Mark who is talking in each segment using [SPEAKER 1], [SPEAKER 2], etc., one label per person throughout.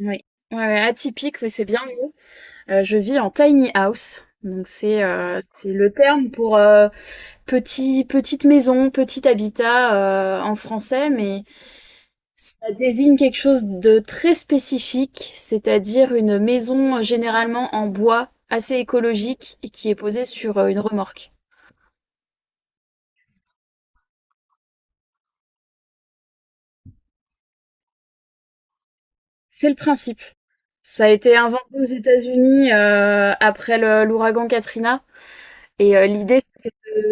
[SPEAKER 1] Oui. Ouais, ouais, atypique, oui, c'est bien le mot. Je vis en tiny house. Donc c'est le terme pour petite maison, petit habitat en français, mais ça désigne quelque chose de très spécifique, c'est-à-dire une maison généralement en bois assez écologique et qui est posée sur une remorque. C'est le principe. Ça a été inventé aux États-Unis après l'ouragan Katrina. L'idée, c'était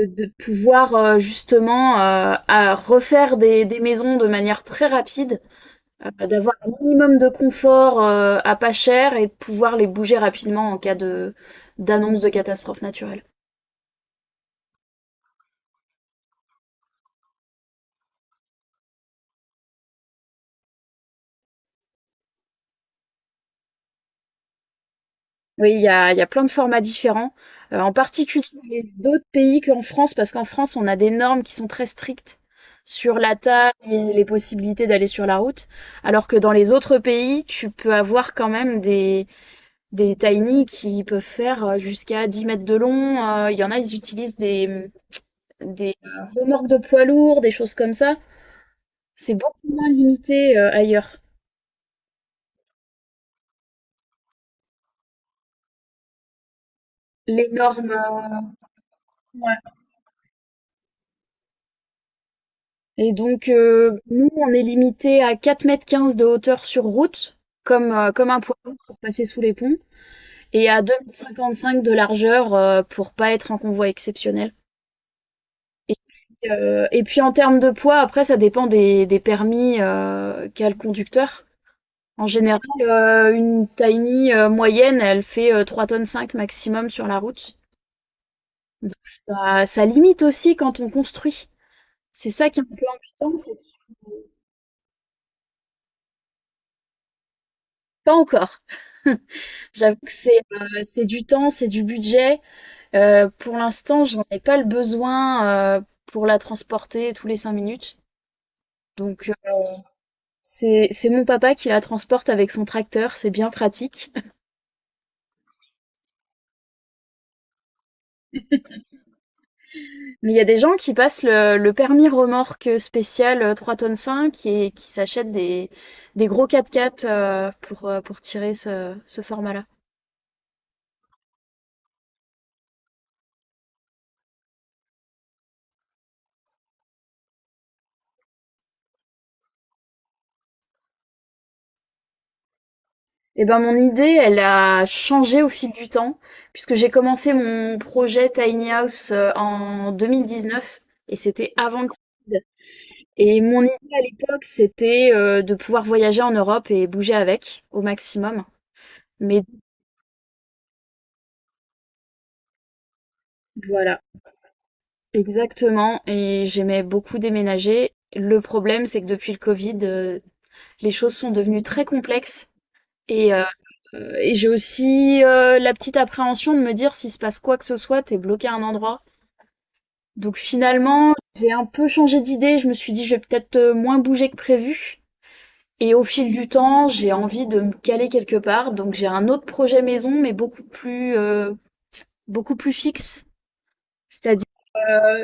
[SPEAKER 1] de pouvoir, justement, à refaire des maisons de manière très rapide, d'avoir un minimum de confort, à pas cher et de pouvoir les bouger rapidement en cas de d'annonce de catastrophe naturelle. Oui, il y a plein de formats différents, en particulier dans les autres pays qu'en France, parce qu'en France, on a des normes qui sont très strictes sur la taille et les possibilités d'aller sur la route, alors que dans les autres pays, tu peux avoir quand même des tiny qui peuvent faire, jusqu'à 10 mètres de long, il y en a, ils utilisent des, mmh, des remorques de poids lourds, des choses comme ça. C'est beaucoup moins limité, ailleurs. Les normes, ouais Et donc nous, on est limité à 4,15 mètres de hauteur sur route, comme, comme un poids lourd pour passer sous les ponts, et à 2,55 mètres de largeur, pour pas être en convoi exceptionnel, et puis en termes de poids, après, ça dépend des permis, qu'a le conducteur. En général, une tiny, moyenne, elle fait, 3,5 tonnes cinq maximum sur la route. Donc ça limite aussi quand on construit. C'est ça qui est un peu embêtant, c'est qu'il pas encore. J'avoue que c'est du temps, c'est du budget. Pour l'instant, j'en ai pas le besoin, pour la transporter tous les 5 minutes. Donc c'est mon papa qui la transporte avec son tracteur, c'est bien pratique. Mais il y a des gens qui passent le permis remorque spécial 3 tonnes 5 et qui s'achètent des gros quatre-quatre pour tirer ce, ce format-là. Eh ben, mon idée, elle a changé au fil du temps, puisque j'ai commencé mon projet Tiny House en 2019, et c'était avant le Covid. Et mon idée à l'époque, c'était de pouvoir voyager en Europe et bouger avec au maximum. Mais voilà. Exactement, et j'aimais beaucoup déménager. Le problème, c'est que depuis le Covid, les choses sont devenues très complexes et heu et j'ai aussi, la petite appréhension de me dire s'il se passe quoi que ce soit, tu bloqué à un endroit. Donc finalement, j'ai un peu changé d'idée, je me suis dit: «Je vais peut-être, moins bouger que prévu», et au fil du temps, j'ai envie de me caler quelque part. Donc j'ai un autre projet maison, mais beaucoup plus fixe. C'est-à-dire, euh,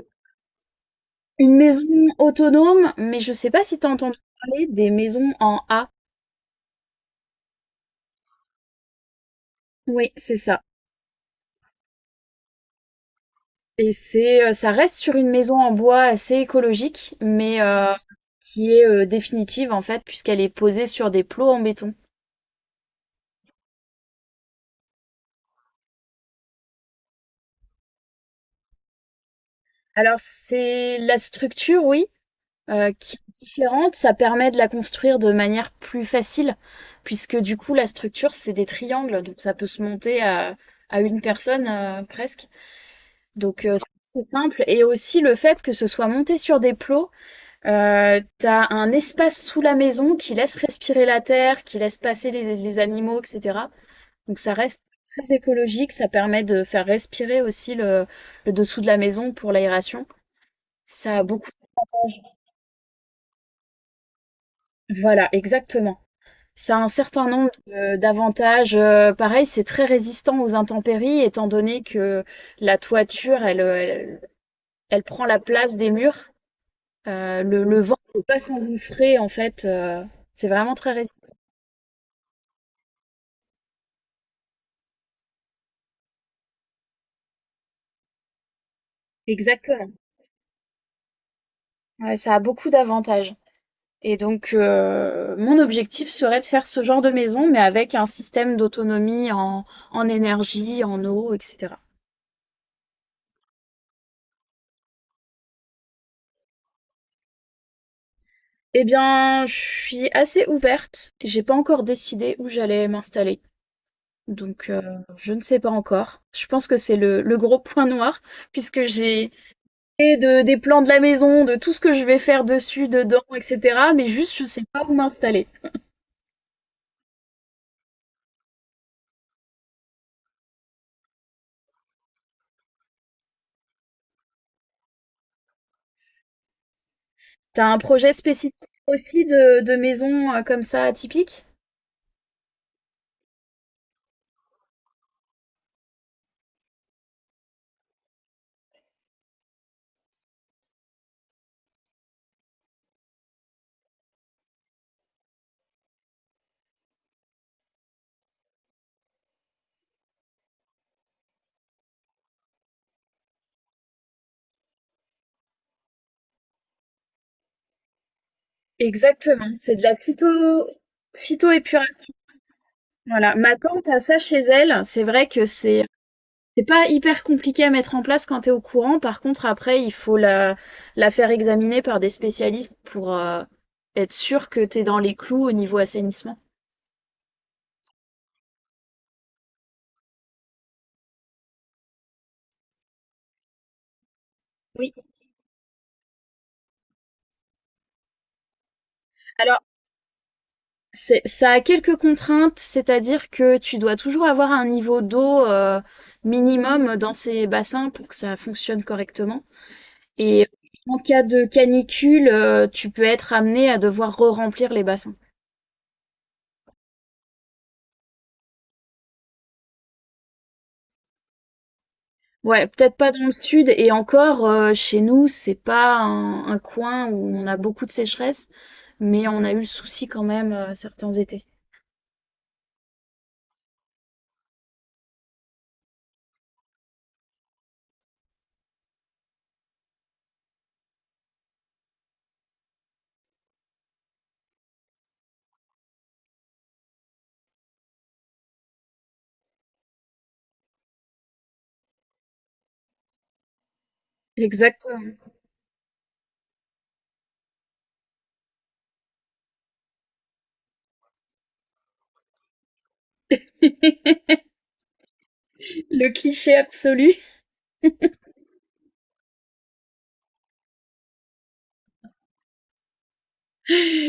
[SPEAKER 1] Une maison autonome, mais je sais pas si t'as entendu parler des maisons en A. Oui, c'est ça. Ça reste sur une maison en bois assez écologique, mais qui est définitive en fait, puisqu'elle est posée sur des plots en béton. Alors c'est la structure, oui, qui est différente. Ça permet de la construire de manière plus facile, puisque du coup la structure c'est des triangles, donc ça peut se monter à une personne presque. Donc c'est simple. Et aussi le fait que ce soit monté sur des plots, t'as un espace sous la maison qui laisse respirer la terre, qui laisse passer les animaux, etc. Donc ça reste très écologique, ça permet de faire respirer aussi le dessous de la maison pour l'aération. Ça a beaucoup. Voilà, exactement. Ça a un certain nombre d'avantages. Pareil, c'est très résistant aux intempéries, étant donné que la toiture, elle prend la place des murs. Le vent ne peut pas s'engouffrer, en fait. C'est vraiment très résistant. Exactement. Ouais, ça a beaucoup d'avantages. Et donc, mon objectif serait de faire ce genre de maison, mais avec un système d'autonomie en énergie, en eau, etc. Eh bien, je suis assez ouverte. J'ai pas encore décidé où j'allais m'installer. Donc, je ne sais pas encore. Je pense que c'est le gros point noir, puisque j'ai de des plans de la maison, de tout ce que je vais faire dessus, dedans, etc. Mais juste, je sais pas où m'installer. T'as un projet spécifique aussi de maison comme ça, atypique? Exactement, c'est de la phytoépuration. Voilà, ma tante a ça chez elle. C'est vrai que c'est pas hyper compliqué à mettre en place quand t'es au courant. Par contre, après, il faut la faire examiner par des spécialistes pour être sûr que t'es dans les clous au niveau assainissement. Oui. Alors, ça a quelques contraintes, c'est-à-dire que tu dois toujours avoir un niveau d'eau minimum dans ces bassins pour que ça fonctionne correctement. Et en cas de canicule, tu peux être amené à devoir re-remplir les bassins. Ouais, peut-être pas dans le sud, et encore, chez nous, c'est pas un coin où on a beaucoup de sécheresse, mais on a eu le souci quand même certains étés. Exactement. Le cliché absolu.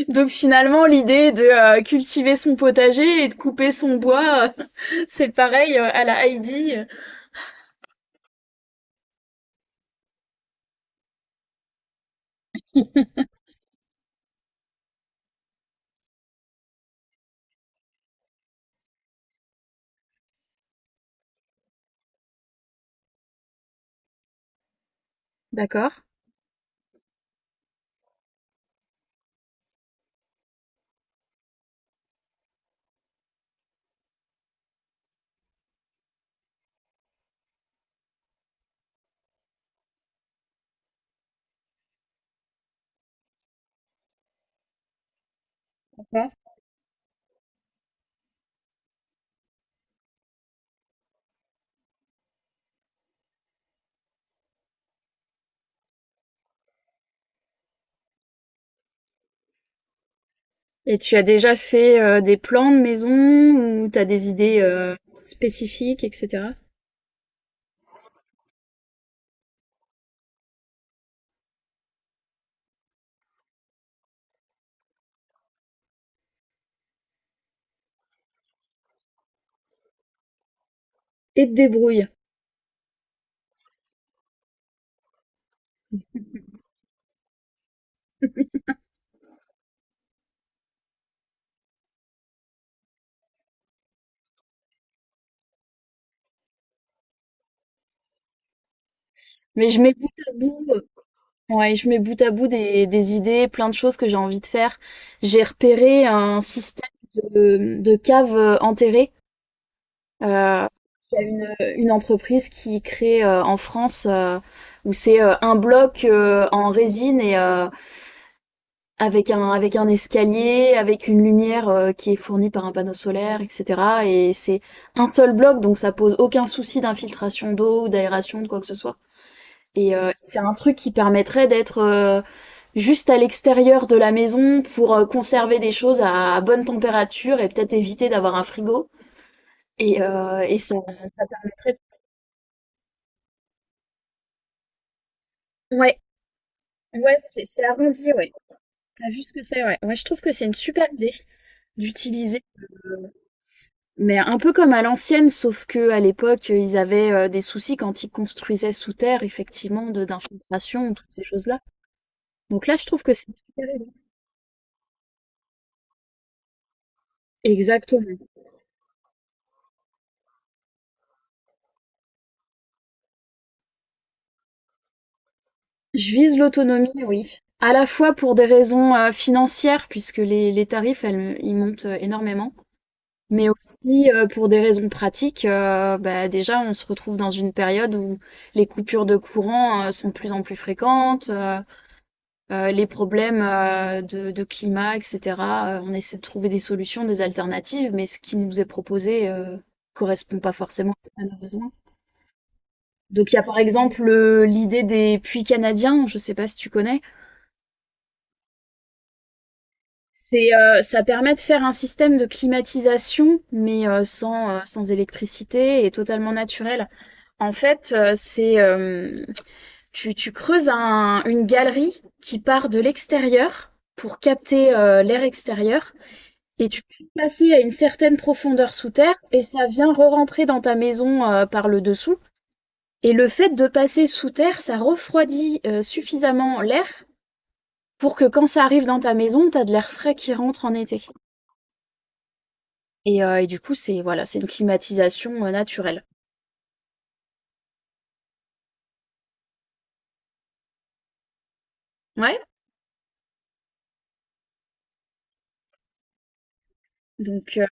[SPEAKER 1] Donc finalement, l'idée de cultiver son potager et de couper son bois, c'est pareil à la Heidi. D'accord. D'accord. Et tu as déjà fait des plans de maison, ou tu as des idées spécifiques, etc. Et te débrouille. Mais je mets bout à bout, ouais, je mets bout à bout des idées, plein de choses que j'ai envie de faire. J'ai repéré un système de caves enterrées. Heu, c'est une entreprise qui crée, en France, où c'est, un bloc, en résine avec un escalier, avec une lumière, qui est fournie par un panneau solaire, et cetera, et c'est un seul bloc, donc ça pose aucun souci d'infiltration d'eau, d'aération, de quoi que ce soit, c'est un truc qui permettrait d'être, juste à l'extérieur de la maison pour, conserver des choses à bonne température et peut-être éviter d'avoir un frigo, et ça permettrait, ouais. Ouais, c'est arrondi, ouais. T'as vu ce que c'est, ouais. Ouais, je trouve que c'est une super idée d'utiliser, euh, mais un peu comme à l'ancienne, sauf que à l'époque, ils avaient des soucis quand ils construisaient sous terre, effectivement, de d'infiltration, toutes ces choses-là. Donc là, je trouve que c'est une super idée. Exactement. Je vise l'autonomie, oui. À la fois pour des raisons financières, puisque les tarifs, ils montent énormément. Mais aussi, pour des raisons pratiques, bah, déjà, on se retrouve dans une période où les coupures de courant, sont de plus en plus fréquentes, les problèmes, de climat et cetera, on essaie de trouver des solutions, des alternatives, mais ce qui nous est proposé, correspond pas forcément à nos besoins. Donc il y a, par exemple, l'idée des puits canadiens, je sais pas si tu connais? C'est, ça permet de faire un système de climatisation, mais, sans électricité et totalement naturel. En fait, c'est tu creuses une galerie qui part de l'extérieur pour capter l'air extérieur, et tu peux passer à une certaine profondeur sous terre et ça vient re-rentrer dans ta maison par le dessous. Et le fait de passer sous terre, ça refroidit suffisamment l'air pour que quand ça arrive dans ta maison, t'as de l'air frais qui rentre en été. Et du coup, c'est voilà, c'est une climatisation naturelle. Ouais. Donc,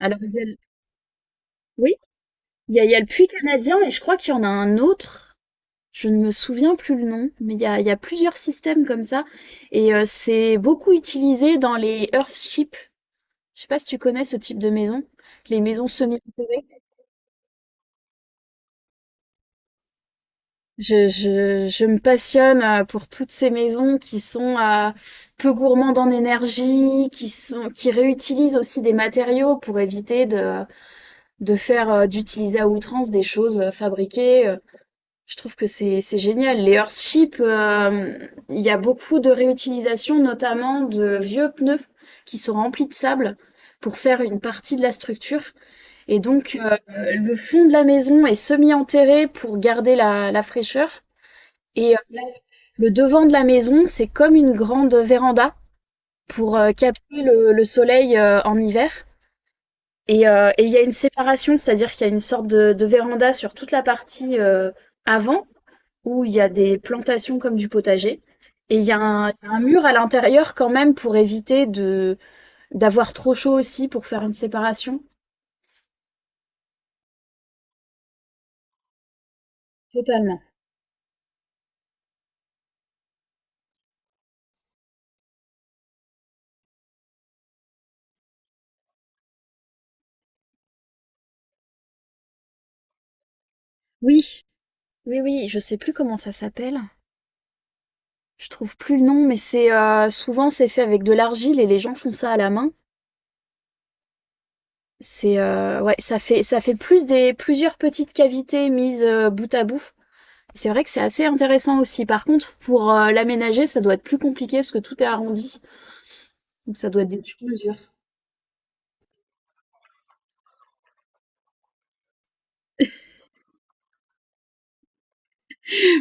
[SPEAKER 1] alors, oui. Il y a le puits canadien, et je crois qu'il y en a un autre. Je ne me souviens plus le nom, mais il y a plusieurs systèmes comme ça. Et c'est beaucoup utilisé dans les Earthships. Je sais pas si tu connais ce type de maison, les maisons semi-enterrées. Je me passionne pour toutes ces maisons qui sont peu gourmandes en énergie, qui réutilisent aussi des matériaux pour éviter d'utiliser à outrance des choses fabriquées. Je trouve que c'est génial. Les Earthships, il y a beaucoup de réutilisation, notamment de vieux pneus qui sont remplis de sable pour faire une partie de la structure. Et donc, le fond de la maison est semi-enterré pour garder la fraîcheur. Et euh, la- le devant de la maison, c'est comme une grande véranda pour capter le soleil en hiver. Et il y a une séparation, c'est-à-dire qu'il y a une sorte de véranda sur toute la partie avant, où il y a des plantations comme du potager. Et il y a un mur à l'intérieur quand même pour éviter de d'avoir trop chaud, aussi pour faire une séparation. Totalement. Oui, oui, oui, je sais plus comment ça s'appelle. Je trouve plus le nom, mais c'est souvent c'est fait avec de l'argile et les gens font ça à la main. C'est ouais, ça fait plus des plusieurs petites cavités mises bout à bout. C'est vrai que c'est assez intéressant aussi. Par contre, pour l'aménager, ça doit être plus compliqué parce que tout est arrondi, donc ça doit être des sur-mesures.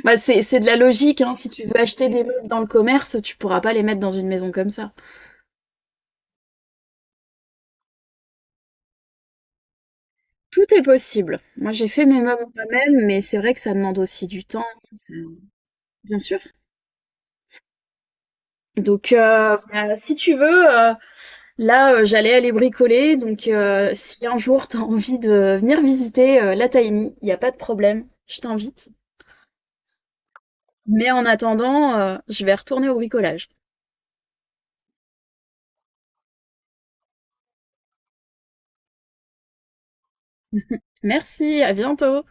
[SPEAKER 1] Bah, c'est de la logique, hein. Si tu veux acheter des meubles dans le commerce, tu pourras pas les mettre dans une maison comme ça. Tout est possible. Moi, j'ai fait mes meubles moi-même, mais c'est vrai que ça demande aussi du temps, ça- bien sûr. Donc, bah, si tu veux, là, j'allais aller bricoler. Donc, si un jour t'as envie de venir visiter la Tiny, il n'y a pas de problème, je t'invite. Mais en attendant, je vais retourner au bricolage. Merci, à bientôt!